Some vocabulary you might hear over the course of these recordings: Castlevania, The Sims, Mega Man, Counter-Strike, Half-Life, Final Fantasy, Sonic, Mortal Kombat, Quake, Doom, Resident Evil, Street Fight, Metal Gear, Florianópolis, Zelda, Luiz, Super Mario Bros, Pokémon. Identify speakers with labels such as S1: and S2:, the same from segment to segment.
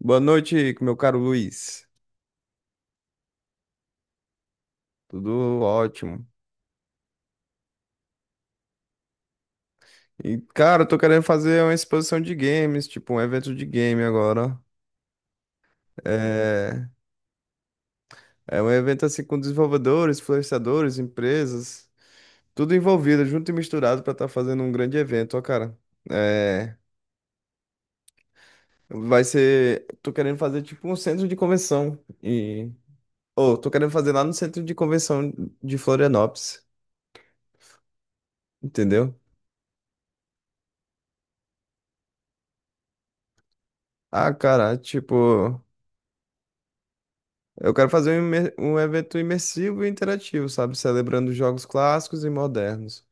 S1: Boa noite, meu caro Luiz. Tudo ótimo. E, cara, eu tô querendo fazer uma exposição de games, tipo um evento de game agora. É, é um evento assim com desenvolvedores, influenciadores, empresas, tudo envolvido, junto e misturado pra estar fazendo um grande evento, ó, cara. É, vai ser. Tô querendo fazer tipo um centro de convenção. E, ou, tô querendo fazer lá no centro de convenção de Florianópolis, entendeu? Ah, cara, tipo. Eu quero fazer um evento imersivo e interativo, sabe? Celebrando jogos clássicos e modernos,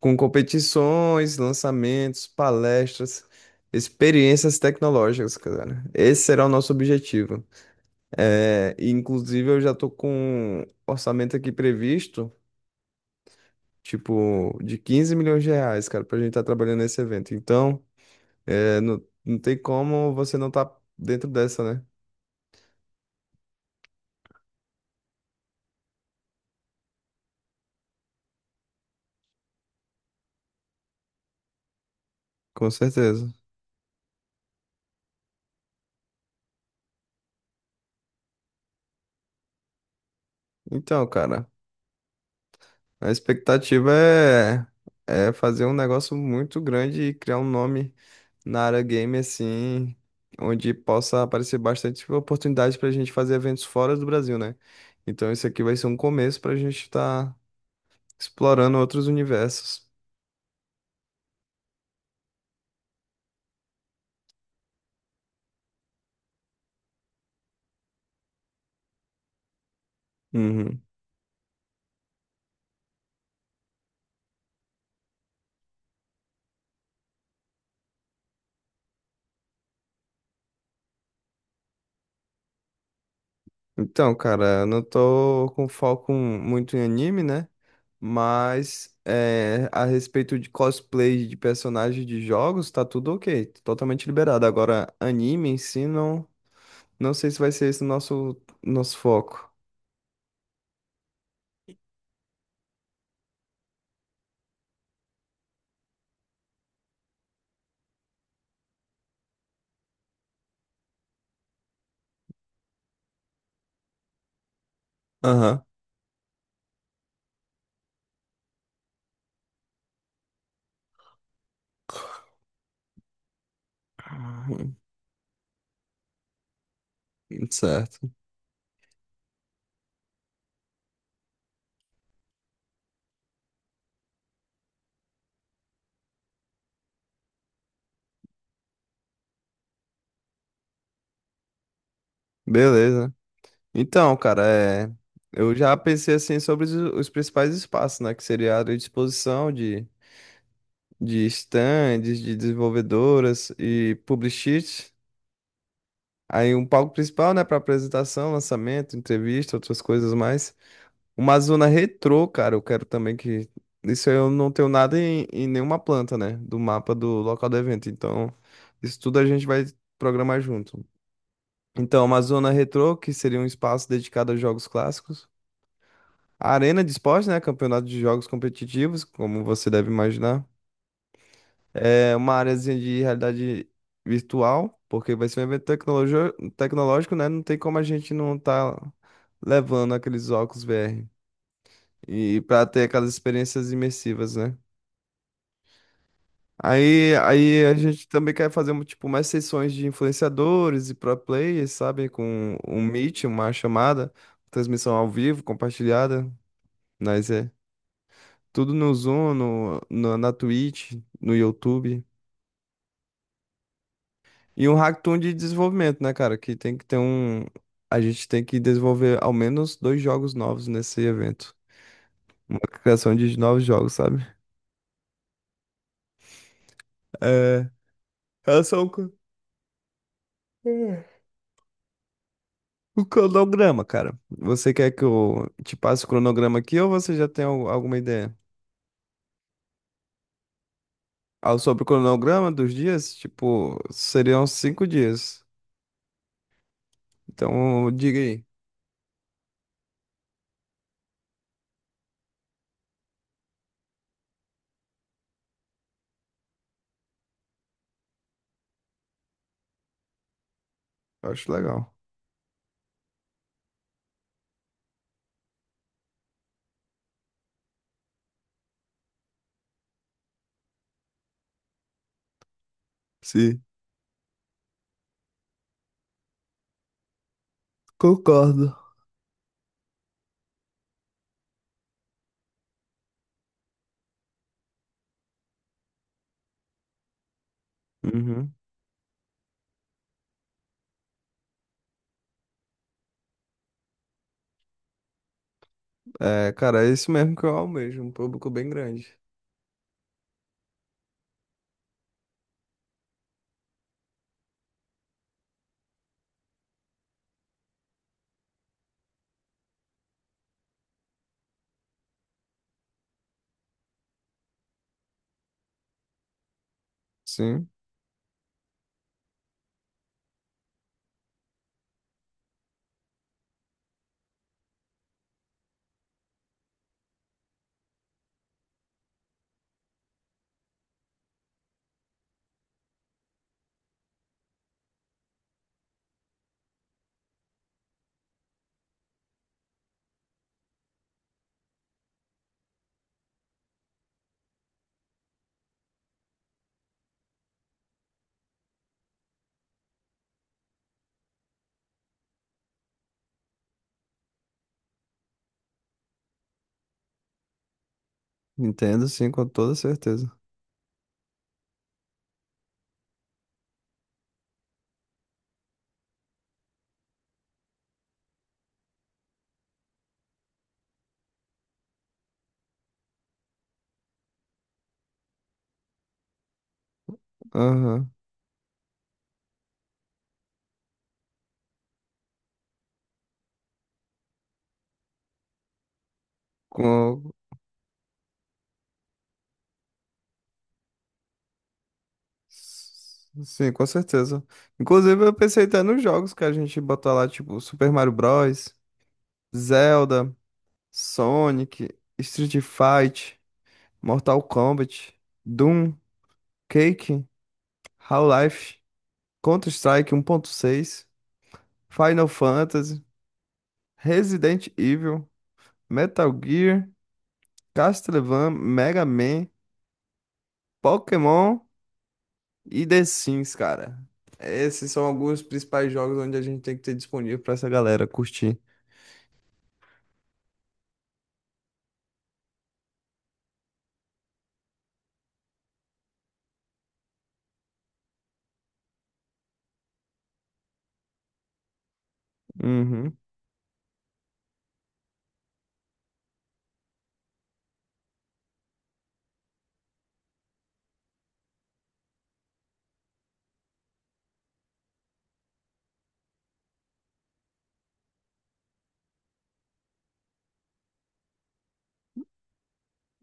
S1: com competições, lançamentos, palestras, experiências tecnológicas, cara. Esse será o nosso objetivo. É, e, inclusive, eu já tô com um orçamento aqui previsto, tipo, de 15 milhões de reais, cara, pra gente estar trabalhando nesse evento. Então, é, não, não tem como você não estar dentro dessa, né? Com certeza. Então, cara. A expectativa é, é fazer um negócio muito grande e criar um nome na área game, assim, onde possa aparecer bastante oportunidade para a gente fazer eventos fora do Brasil, né? Então, isso aqui vai ser um começo para a gente estar explorando outros universos. Uhum. Então, cara, eu não tô com foco muito em anime, né? Mas é, a respeito de cosplay de personagens de jogos, tá tudo ok, totalmente liberado. Agora, anime em si não. Não sei se vai ser esse o nosso foco. Aham. Certo. Beleza. Então, cara, é... eu já pensei assim sobre os principais espaços, né? Que seria a área de exposição de stands, de desenvolvedoras e publicists. Aí um palco principal, né, para apresentação, lançamento, entrevista, outras coisas mais. Uma zona retrô, cara, eu quero também que. Isso eu não tenho nada em nenhuma planta, né? Do mapa do local do evento. Então, isso tudo a gente vai programar junto. Então, uma zona retrô, que seria um espaço dedicado a jogos clássicos. A arena de esporte, né? Campeonato de jogos competitivos, como você deve imaginar. É uma áreazinha de realidade virtual, porque vai ser um evento tecnológico, né? Não tem como a gente não estar levando aqueles óculos VR. E para ter aquelas experiências imersivas, né? Aí a gente também quer fazer um, tipo mais sessões de influenciadores e pro players, sabe? Com um meet, uma chamada, transmissão ao vivo, compartilhada, mas é tudo no Zoom, na Twitch, no YouTube. E um hackathon de desenvolvimento, né, cara? Que tem que ter um. A gente tem que desenvolver ao menos dois jogos novos nesse evento. Uma criação de novos jogos, sabe? É. Elas são. co- O cronograma, cara. Você quer que eu te passe o cronograma aqui ou você já tem alguma ideia? Ah, sobre o cronograma dos dias, tipo, seriam 5 dias. Então, diga aí. Eu acho legal. Sim, concordo. Uhum. É, cara, é isso mesmo que eu almejo, um público bem grande. Sim, entendo, sim, com toda certeza. Aham. Com... Sim, com certeza. Inclusive, eu pensei até nos jogos que a gente botar lá, tipo, Super Mario Bros, Zelda. Sonic, Street Fight, Mortal Kombat, Doom, Quake, Half-Life, Counter-Strike 1.6, Final Fantasy, Resident Evil, Metal Gear, Castlevania, Mega Man, Pokémon e The Sims, cara. Esses são alguns dos principais jogos onde a gente tem que ter disponível pra essa galera curtir. Uhum.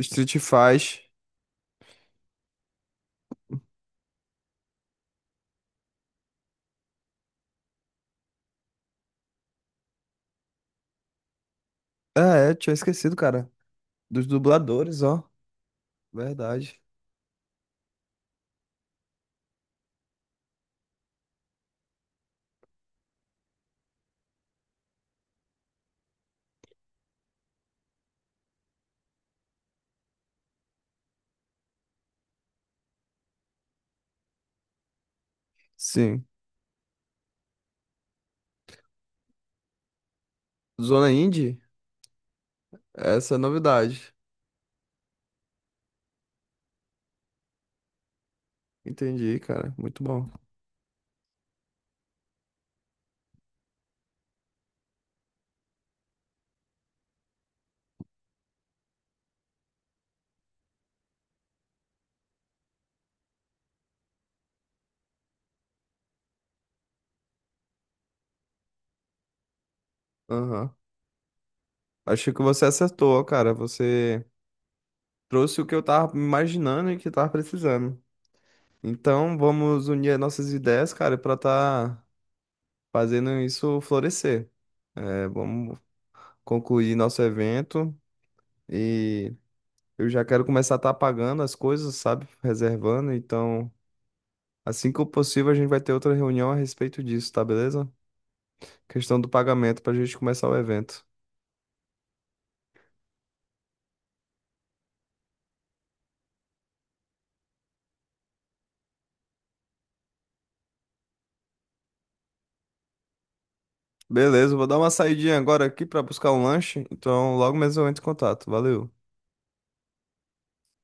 S1: Street Fight. Ah, é, tinha esquecido, cara. Dos dubladores, ó. Verdade. Sim. Zona Indie? Essa é a novidade. Entendi, cara. Muito bom. Aham. Achei que você acertou, cara. Você trouxe o que eu tava imaginando e que eu tava precisando. Então, vamos unir as nossas ideias, cara, pra tá fazendo isso florescer. É, vamos concluir nosso evento e eu já quero começar a tá pagando as coisas, sabe? Reservando. Então, assim que possível, a gente vai ter outra reunião a respeito disso, tá beleza? Questão do pagamento pra gente começar o evento. Beleza, vou dar uma saidinha agora aqui pra buscar um lanche. Então, logo mesmo eu entro em contato. Valeu.